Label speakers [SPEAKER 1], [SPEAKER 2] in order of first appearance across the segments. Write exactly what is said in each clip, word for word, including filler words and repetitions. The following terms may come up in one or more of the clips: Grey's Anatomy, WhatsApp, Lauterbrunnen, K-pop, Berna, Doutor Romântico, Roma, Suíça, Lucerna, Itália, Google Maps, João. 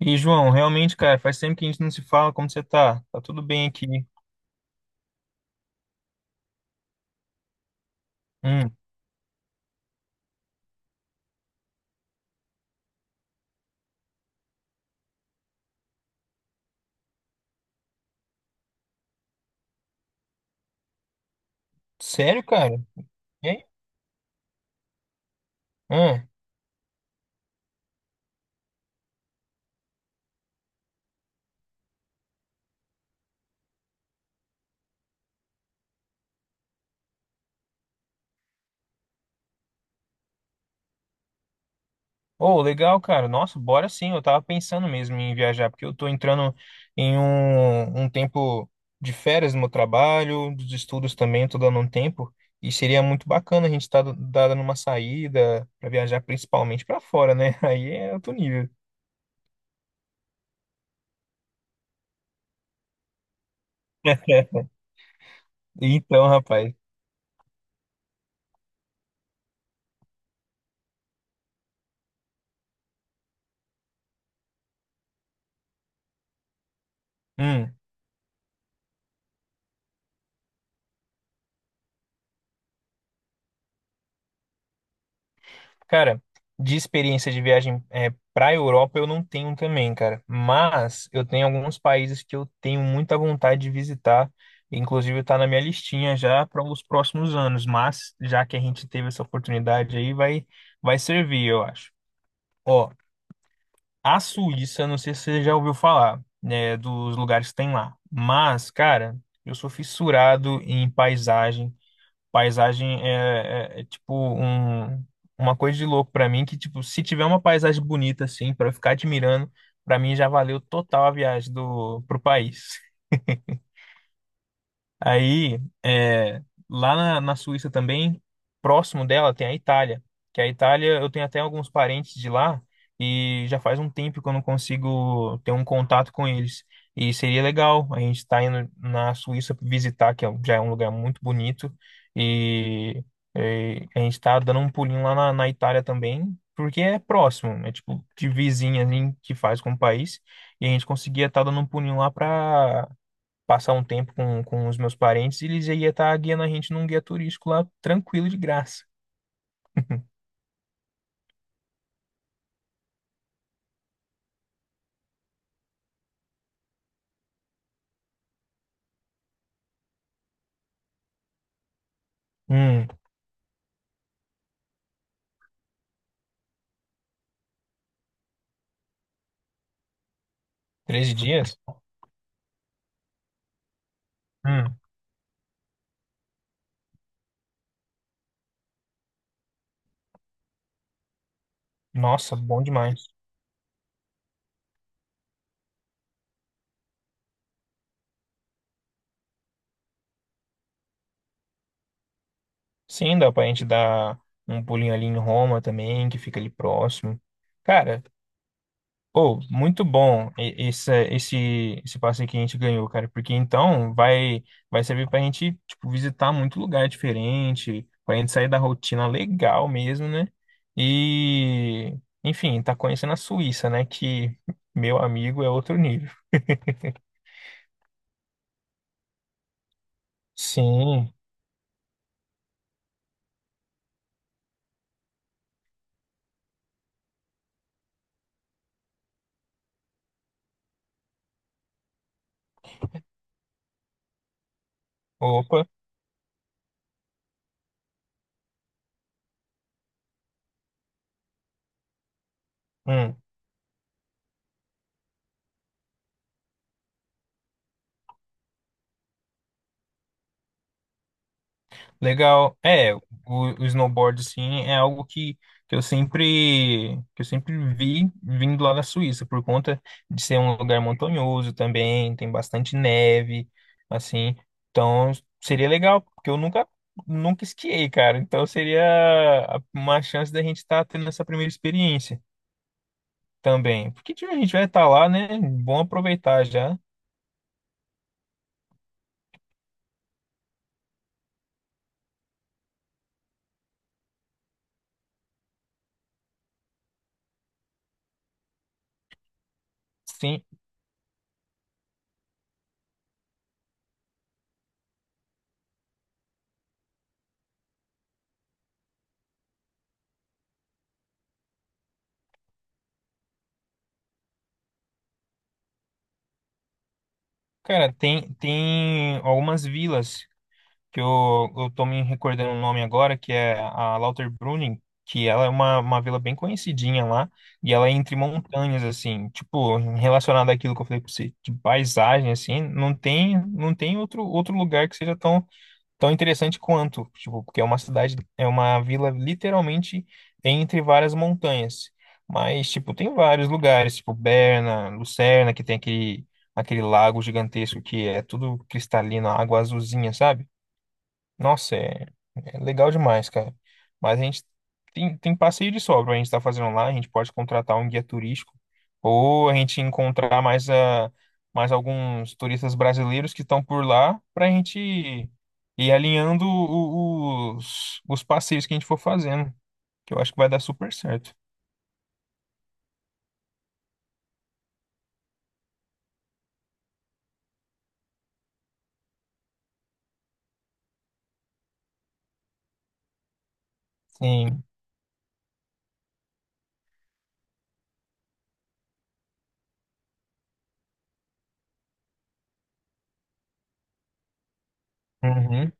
[SPEAKER 1] E, João, realmente, cara, faz tempo que a gente não se fala. Como você tá? Tá tudo bem aqui? Hum, sério, cara? E. Hum. Oh, legal, cara. Nossa, bora sim. Eu tava pensando mesmo em viajar, porque eu tô entrando em um, um tempo de férias no meu trabalho, dos estudos também, tô dando um tempo. E seria muito bacana a gente estar tá dando uma saída pra viajar principalmente pra fora, né? Aí é outro nível. Então, rapaz. Hum. Cara, de experiência de viagem é, para Europa eu não tenho também, cara. Mas eu tenho alguns países que eu tenho muita vontade de visitar. Inclusive está na minha listinha já para os próximos anos. Mas já que a gente teve essa oportunidade aí, vai vai servir, eu acho. Ó, a Suíça, não sei se você já ouviu falar, né, dos lugares que tem lá. Mas, cara, eu sou fissurado em paisagem. Paisagem é, é- é, tipo um, uma coisa de louco pra mim, que tipo, se tiver uma paisagem bonita assim pra eu ficar admirando, pra mim já valeu total a viagem do pro país. Aí, é, lá na, na Suíça também, próximo dela tem a Itália, que a Itália eu tenho até alguns parentes de lá, e já faz um tempo que eu não consigo ter um contato com eles. E seria legal a gente estar indo na Suíça visitar, que é- um- já é um lugar muito bonito, e, e a gente está dando um pulinho lá na, na Itália também, porque é próximo, é tipo de vizinha ali que faz com o país, e a gente conseguia estar dando um pulinho lá para passar um tempo com, com os meus parentes, e eles ia estar guiando a gente num guia turístico lá, tranquilo, de graça. Hum, treze dias? Hum, nossa, bom demais. Sim, dá pra gente dar um pulinho ali em Roma também, que fica ali próximo. Cara, oh, muito bom e- esse, esse, esse passeio que a gente ganhou, cara, porque então vai, vai servir pra gente, tipo, visitar muito lugar diferente, pra gente sair da rotina legal mesmo, né? E, enfim, tá conhecendo a Suíça, né? Que, meu amigo, é outro nível. Sim, opa. Hum. Legal. É, o, o snowboard, assim, é algo que, que eu sempre, que eu sempre vi vindo lá da Suíça, por conta de ser um lugar montanhoso também, tem bastante neve, assim. Então, seria legal, porque eu nunca, nunca esquiei, cara. Então, seria a- uma chance da gente estar tendo essa primeira experiência também. Porque tipo, a gente vai estar lá, né? Bom aproveitar já. Sim. Cara, tem, tem algumas vilas que eu, eu tô me recordando o nome agora, que é a Lauterbrunnen, que ela é uma, uma vila bem conhecidinha lá, e ela é entre montanhas, assim, tipo, relacionado àquilo que eu falei pra você, de paisagem. Assim, não tem, não tem outro, outro lugar que seja tão, tão interessante quanto, tipo, porque é uma cidade, é uma vila literalmente entre várias montanhas. Mas, tipo, tem vários lugares, tipo Berna, Lucerna, que tem aquele, aquele lago gigantesco que é tudo cristalino, água azulzinha, sabe? Nossa, é, é legal demais, cara. Mas a gente tem, tem passeio de sobra, a gente tá fazendo lá, a gente pode contratar um guia turístico, ou a gente encontrar mais, a mais alguns turistas brasileiros que estão por lá pra gente ir, ir alinhando o- os, os passeios que a gente for fazendo, que eu acho que vai dar super certo. Sim. Uhum.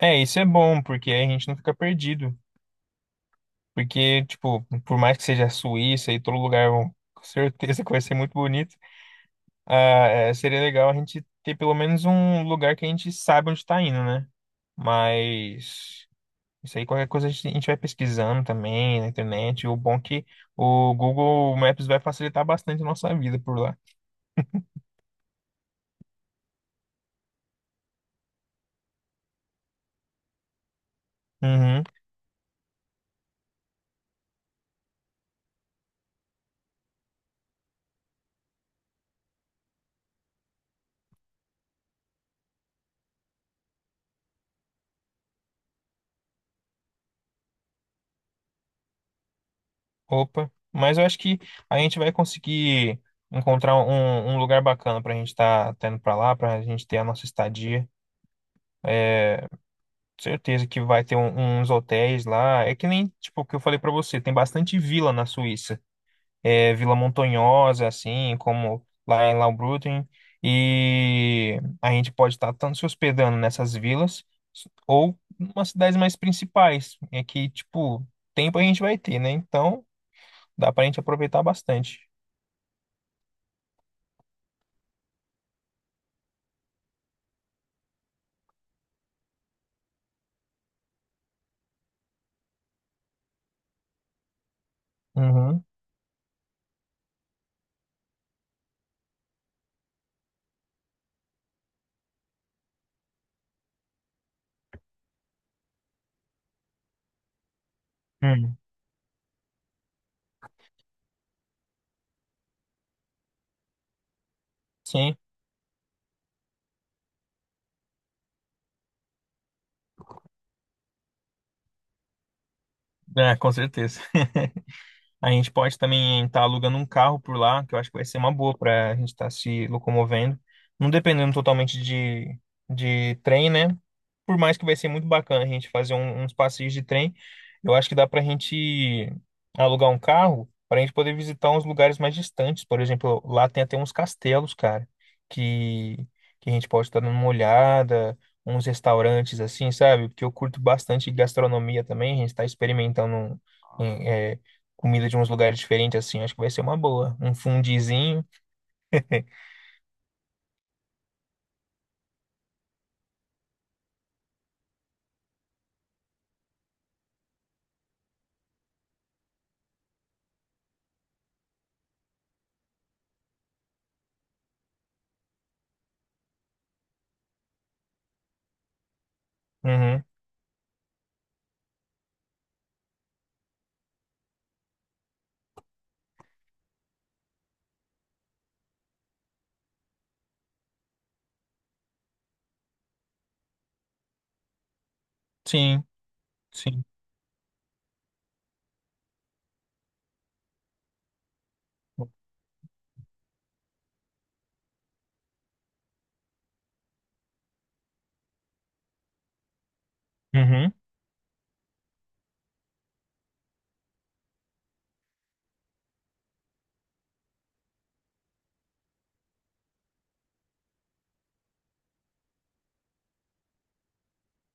[SPEAKER 1] É, isso é bom, porque aí a gente não fica perdido. Porque, tipo, por mais que seja a Suíça e todo lugar, com certeza que vai ser muito bonito. Ah, é, seria legal a gente ter pelo menos um lugar que a gente saiba onde está indo, né? Mas isso aí, qualquer coisa a gente, a gente vai pesquisando também na internet. O bom é que o Google Maps vai facilitar bastante a nossa vida por lá. Uhum. Opa. Mas eu acho que a gente vai conseguir encontrar um, um lugar bacana pra gente estar tá, tá indo pra lá, pra gente ter a nossa estadia. Certeza que vai ter um- uns hotéis lá. É que nem, tipo, o que eu falei pra você, tem bastante vila na Suíça. É, Vila Montanhosa, assim, como lá em Laubrunten, e a gente pode estar tanto se hospedando nessas vilas ou umas cidades mais principais, é que, tipo, tempo a gente vai ter, né? Então, dá pra gente aproveitar bastante. Uhum. Hum. Sim, é, com certeza. A gente pode também estar alugando um carro por lá, que eu acho que vai ser uma boa para a gente estar se locomovendo. Não dependendo totalmente de, de trem, né? Por mais que vai ser muito bacana a gente fazer um- uns passeios de trem, eu acho que dá para a gente alugar um carro para a gente poder visitar uns lugares mais distantes. Por exemplo, lá tem até uns castelos, cara, que, que a gente pode estar dando uma olhada, uns restaurantes assim, sabe? Porque eu curto bastante gastronomia também, a gente está experimentando. um- Comida de uns lugares diferentes, assim, acho que vai ser uma boa. Um fundizinho. Uhum. Sim, sim. Uhum.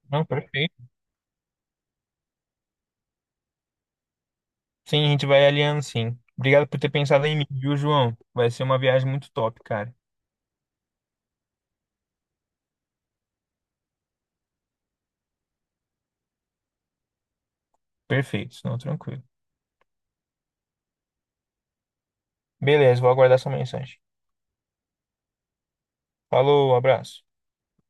[SPEAKER 1] Não, perfeito. Sim, a gente vai alinhando, sim. Obrigado por ter pensado em mim, viu, João? Vai ser uma viagem muito top, cara. Perfeito, não, tranquilo. Beleza, vou aguardar sua mensagem. Falou, abraço.